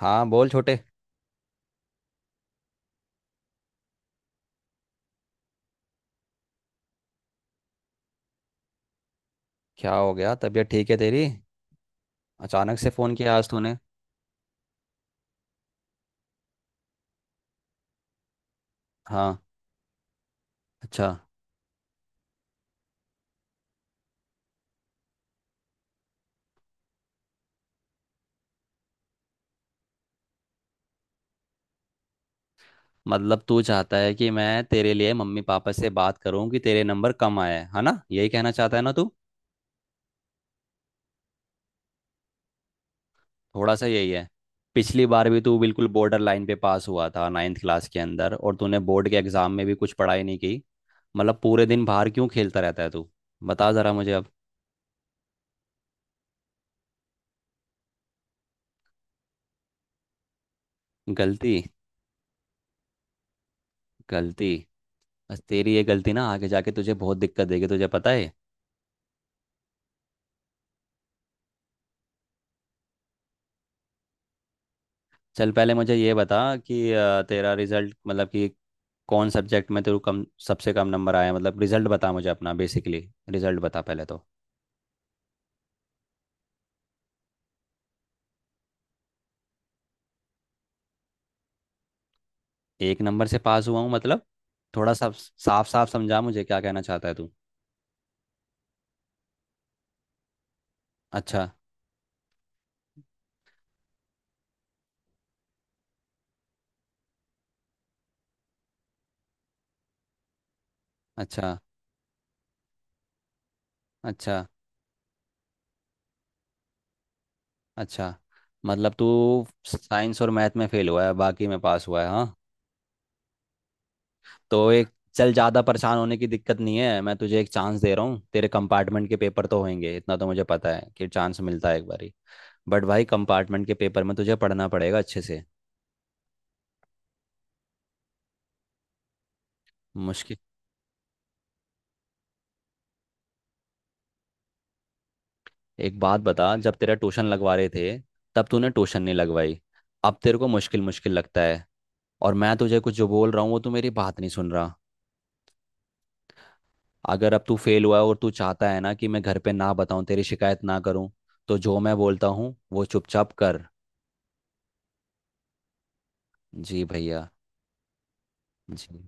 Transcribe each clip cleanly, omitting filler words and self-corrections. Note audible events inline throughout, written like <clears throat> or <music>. हाँ बोल छोटे। क्या हो गया? तबीयत ठीक है तेरी? अचानक से फ़ोन किया आज तूने। हाँ। अच्छा। मतलब तू चाहता है कि मैं तेरे लिए मम्मी पापा से बात करूं कि तेरे नंबर कम आए हैं, है ना? यही कहना चाहता है ना तू? थोड़ा सा यही है। पिछली बार भी तू बिल्कुल बॉर्डर लाइन पे पास हुआ था नाइन्थ क्लास के अंदर, और तूने बोर्ड के एग्ज़ाम में भी कुछ पढ़ाई नहीं की। मतलब पूरे दिन बाहर क्यों खेलता रहता है तू? बता ज़रा मुझे अब। गलती। गलती। बस तेरी ये गलती ना आगे जाके तुझे बहुत दिक्कत देगी, तुझे पता है। चल पहले मुझे ये बता कि तेरा रिजल्ट मतलब कि कौन सब्जेक्ट में तेरे को कम सबसे कम नंबर आया? मतलब रिजल्ट बता मुझे अपना, बेसिकली रिजल्ट बता पहले तो। एक नंबर से पास हुआ हूँ मतलब? थोड़ा सा साफ साफ समझा मुझे क्या कहना चाहता है तू। अच्छा। अच्छा। अच्छा। अच्छा। मतलब तू साइंस और मैथ में फेल हुआ है, बाकी में पास हुआ है, हाँ? तो एक चल ज़्यादा परेशान होने की दिक्कत नहीं है, मैं तुझे एक चांस दे रहा हूँ। तेरे कंपार्टमेंट के पेपर तो होंगे, इतना तो मुझे पता है कि चांस मिलता है एक बार। बट भाई कंपार्टमेंट के पेपर में तुझे पढ़ना पड़ेगा अच्छे से। मुश्किल? एक बात बता, जब तेरा ट्यूशन लगवा रहे थे तब तूने ट्यूशन नहीं लगवाई, अब तेरे को मुश्किल मुश्किल लगता है। और मैं तुझे कुछ जो बोल रहा हूँ वो तू मेरी बात नहीं सुन रहा। अगर अब तू फेल हुआ है और तू चाहता है ना कि मैं घर पे ना बताऊँ, तेरी शिकायत ना करूँ, तो जो मैं बोलता हूँ वो चुपचाप कर। जी भैया जी।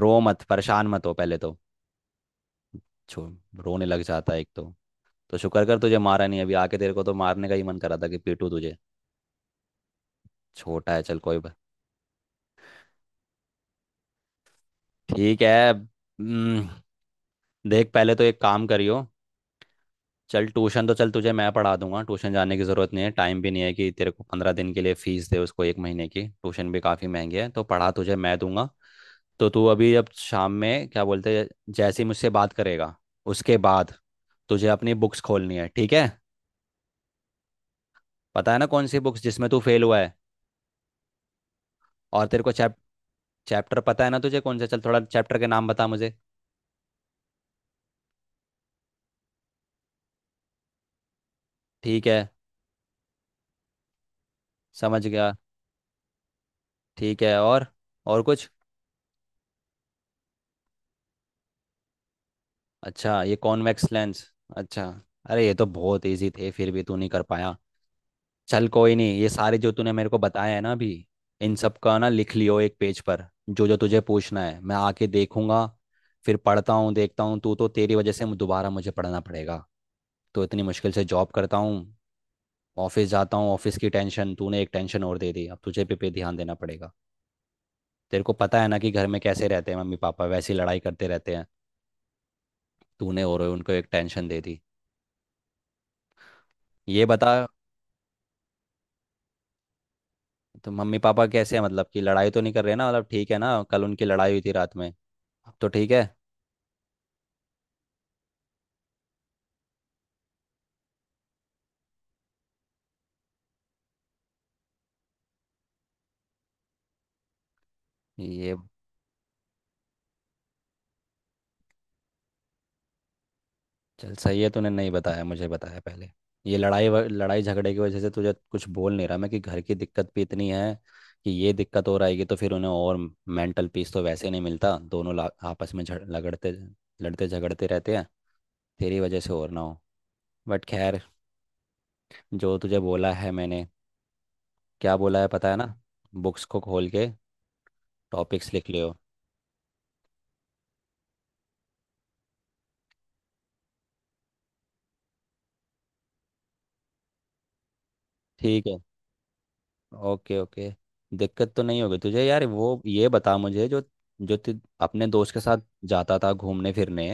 रो मत, परेशान मत हो पहले तो। छो रोने लग जाता है एक तो। तो शुक्र कर तुझे मारा नहीं अभी आके, तेरे को तो मारने का ही मन करा था कि पीटू तुझे। छोटा है, चल कोई बात। ठीक है। देख पहले तो एक काम करियो। चल ट्यूशन तो, चल तुझे मैं पढ़ा दूंगा, ट्यूशन जाने की ज़रूरत नहीं है। टाइम भी नहीं है कि तेरे को 15 दिन के लिए फीस दे उसको, एक महीने की ट्यूशन भी काफ़ी महंगी है, तो पढ़ा तुझे मैं दूंगा। तो तू अभी, अब शाम में क्या बोलते हैं, जैसे ही मुझसे बात करेगा उसके बाद तुझे अपनी बुक्स खोलनी है, ठीक है? पता है ना कौन सी बुक्स जिसमें तू फेल हुआ है? और तेरे को चैप्टर पता है ना तुझे कौन सा? चल थोड़ा चैप्टर के नाम बता मुझे। ठीक है। समझ गया। ठीक है। और? और कुछ? अच्छा, ये कॉन्वेक्स लेंस। अच्छा। अरे ये तो बहुत इजी थे, फिर भी तू नहीं कर पाया। चल कोई नहीं, ये सारे जो तूने मेरे को बताया है ना अभी, इन सब का ना लिख लियो एक पेज पर जो जो तुझे पूछना है, मैं आके देखूंगा। फिर पढ़ता हूँ देखता हूँ तू, तो तेरी वजह से दोबारा मुझे पढ़ना पड़ेगा। तो इतनी मुश्किल से जॉब करता हूँ, ऑफिस जाता हूँ, ऑफिस की टेंशन, तूने एक टेंशन और दे दी, अब तुझे पे पे ध्यान देना पड़ेगा। तेरे को पता है ना कि घर में कैसे रहते हैं? मम्मी पापा वैसी लड़ाई करते रहते हैं, तूने और उनको एक टेंशन दे दी। ये बता, तो मम्मी पापा कैसे हैं? मतलब कि लड़ाई तो नहीं कर रहे ना, मतलब ठीक है ना? कल उनकी लड़ाई हुई थी रात में, अब तो ठीक है? ये चल सही है तूने नहीं बताया, मुझे बताया पहले। ये लड़ाई लड़ाई झगड़े की वजह से तुझे कुछ बोल नहीं रहा मैं कि घर की दिक्कत भी इतनी है कि ये दिक्कत हो रहेगी तो फिर उन्हें और मेंटल पीस तो वैसे नहीं मिलता, दोनों आपस में झड़ लगड़ते लड़ते झगड़ते रहते हैं, तेरी वजह से और ना हो। बट खैर, जो तुझे बोला है मैंने, क्या बोला है पता है ना? बुक्स को खोल के टॉपिक्स लिख लियो। ठीक है। Okay, okay. दिक्कत तो नहीं होगी तुझे यार, वो ये बता मुझे जो जो तू अपने दोस्त के साथ जाता था घूमने फिरने,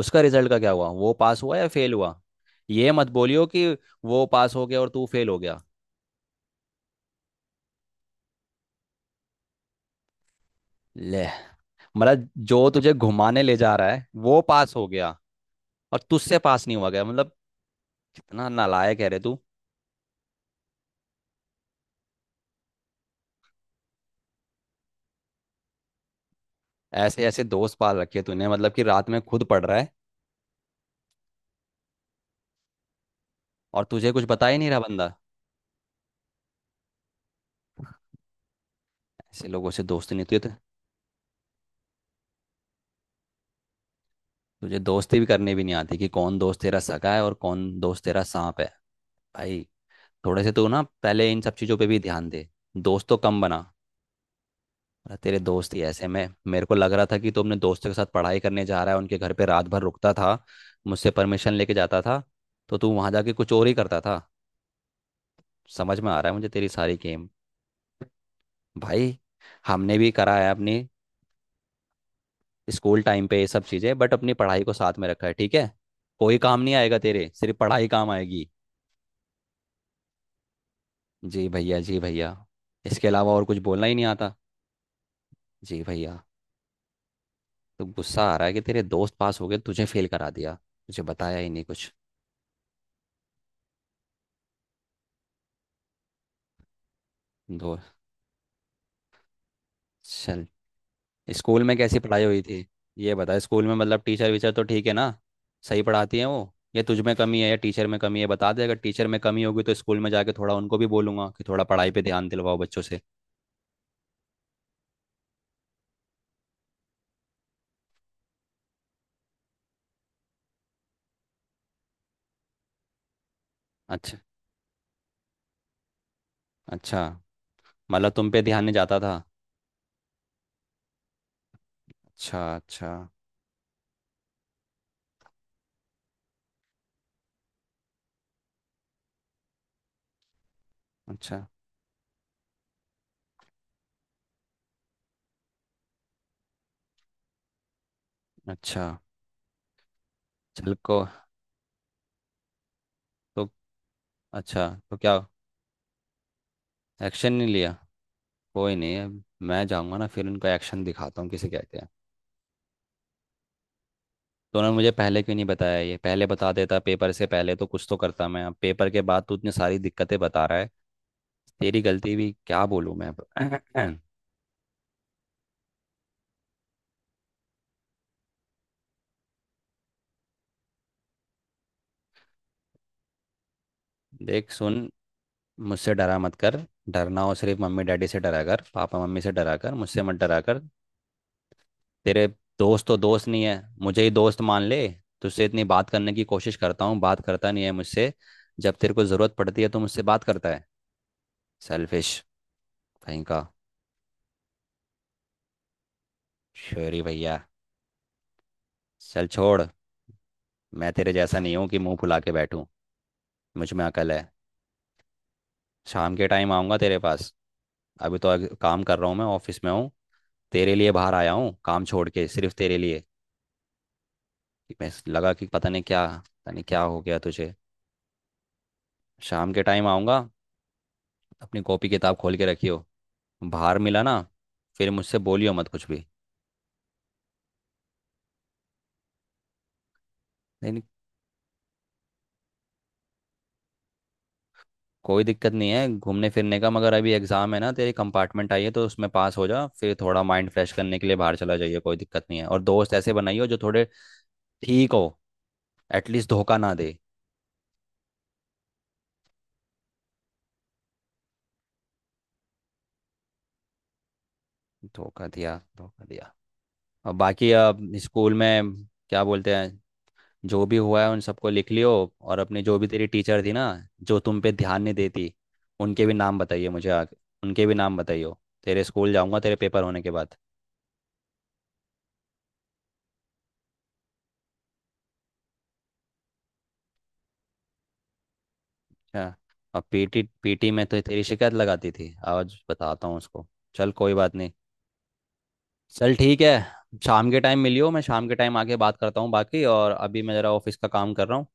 उसका रिजल्ट का क्या हुआ? वो पास हुआ या फेल हुआ? ये मत बोलियो कि वो पास हो गया और तू फेल हो गया। ले। मतलब जो तुझे घुमाने ले जा रहा है वो पास हो गया, और तुझसे पास नहीं हुआ गया? मतलब इतना नालायक है रे तू। ऐसे ऐसे दोस्त पाल रखे तूने, मतलब कि रात में खुद पढ़ रहा है और तुझे कुछ बता ही नहीं रहा बंदा। ऐसे लोगों से दोस्ती नहीं होती। तुझे दोस्ती भी करनी भी नहीं आती कि कौन दोस्त तेरा सगा है और कौन दोस्त तेरा सांप है, भाई। थोड़े से तू ना पहले इन सब चीज़ों पे भी ध्यान दे, दोस्त तो कम बना, वरना तेरे दोस्त ही ऐसे, में मेरे को लग रहा था कि तू अपने दोस्तों के साथ पढ़ाई करने जा रहा है, उनके घर पे रात भर रुकता था, मुझसे परमिशन लेके जाता था, तो तू वहां जाके कुछ और ही करता था? समझ में आ रहा है मुझे तेरी सारी गेम। भाई, हमने भी करा है अपनी स्कूल टाइम पे ये सब चीज़ें, बट अपनी पढ़ाई को साथ में रखा है, ठीक है? कोई काम नहीं आएगा तेरे, सिर्फ पढ़ाई काम आएगी। जी भैया, जी भैया। इसके अलावा और कुछ बोलना ही नहीं आता, जी भैया। तो गुस्सा आ रहा है कि तेरे दोस्त पास हो गए, तुझे फेल करा दिया, तुझे बताया ही नहीं कुछ। दो चल, स्कूल में कैसी पढ़ाई हुई थी? ये बता। स्कूल में मतलब टीचर वीचर तो ठीक है ना? सही पढ़ाती है वो? या तुझ में कमी है या टीचर में कमी है? बता दे, अगर टीचर में कमी होगी तो स्कूल में जाके थोड़ा उनको भी बोलूंगा कि थोड़ा पढ़ाई पे ध्यान दिलवाओ बच्चों से। अच्छा। अच्छा। मतलब तुम पे ध्यान नहीं जाता था? अच्छा। अच्छा। अच्छा। अच्छा। चल को तो अच्छा, तो क्या एक्शन नहीं लिया? कोई नहीं। अब मैं जाऊंगा ना फिर उनको एक्शन दिखाता हूँ किसे कहते हैं। तो उन्होंने मुझे पहले क्यों नहीं बताया? ये पहले बता देता, पेपर से पहले तो कुछ तो करता मैं। अब पेपर के बाद तू इतनी सारी दिक्कतें बता रहा है, तेरी गलती भी क्या बोलूँ मैं अब। <clears throat> देख, सुन, मुझसे डरा मत कर। डरना हो सिर्फ मम्मी डैडी से डरा कर, पापा मम्मी से डरा कर, मुझसे मत डरा कर। तेरे दोस्त तो दोस्त नहीं है, मुझे ही दोस्त मान ले। तुझसे इतनी बात करने की कोशिश करता हूँ, बात करता नहीं है मुझसे। जब तेरे को ज़रूरत पड़ती है तो मुझसे बात करता है। सेल्फिश कहीं का। श्योरी भैया। चल छोड़, मैं तेरे जैसा नहीं हूँ कि मुंह फुला के बैठूं, मुझ में अकल है। शाम के टाइम आऊँगा तेरे पास। अभी तो काम कर रहा हूँ, मैं ऑफिस में हूँ। तेरे लिए बाहर आया हूँ, काम छोड़ के सिर्फ तेरे लिए, कि मैं लगा कि पता नहीं क्या, पता नहीं क्या हो गया तुझे। शाम के टाइम आऊँगा, अपनी कॉपी किताब खोल के रखियो। बाहर मिला ना, फिर मुझसे बोलियो मत कुछ भी। नहीं, कोई दिक्कत नहीं है घूमने फिरने का, मगर अभी एग्जाम है ना, तेरी कंपार्टमेंट आई है, तो उसमें पास हो जा फिर थोड़ा माइंड फ्रेश करने के लिए बाहर चला जाइए, कोई दिक्कत नहीं है। और दोस्त ऐसे बनाइए जो थोड़े ठीक हो, एटलीस्ट धोखा ना दे। धोखा दिया, धोखा दिया। और बाकी अब स्कूल में क्या बोलते हैं, जो भी हुआ है उन सबको लिख लियो। और अपनी जो भी तेरी टीचर थी ना, जो तुम पे ध्यान नहीं देती, उनके भी नाम बताइए मुझे आगे। उनके भी नाम बताइए। तेरे स्कूल जाऊंगा तेरे पेपर होने के बाद। क्या? और पीटी पीटी में तो तेरी शिकायत लगाती थी? आज बताता हूँ उसको। चल कोई बात नहीं, चल ठीक है, शाम के टाइम मिलियो, मैं शाम के टाइम आके बात करता हूँ बाकी, और अभी मैं ज़रा ऑफिस का काम कर रहा हूँ।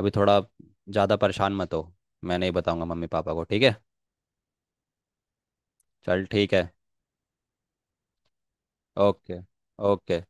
अभी थोड़ा ज़्यादा परेशान मत हो, मैं नहीं बताऊँगा मम्मी पापा को, ठीक है? चल ठीक है। Okay, okay.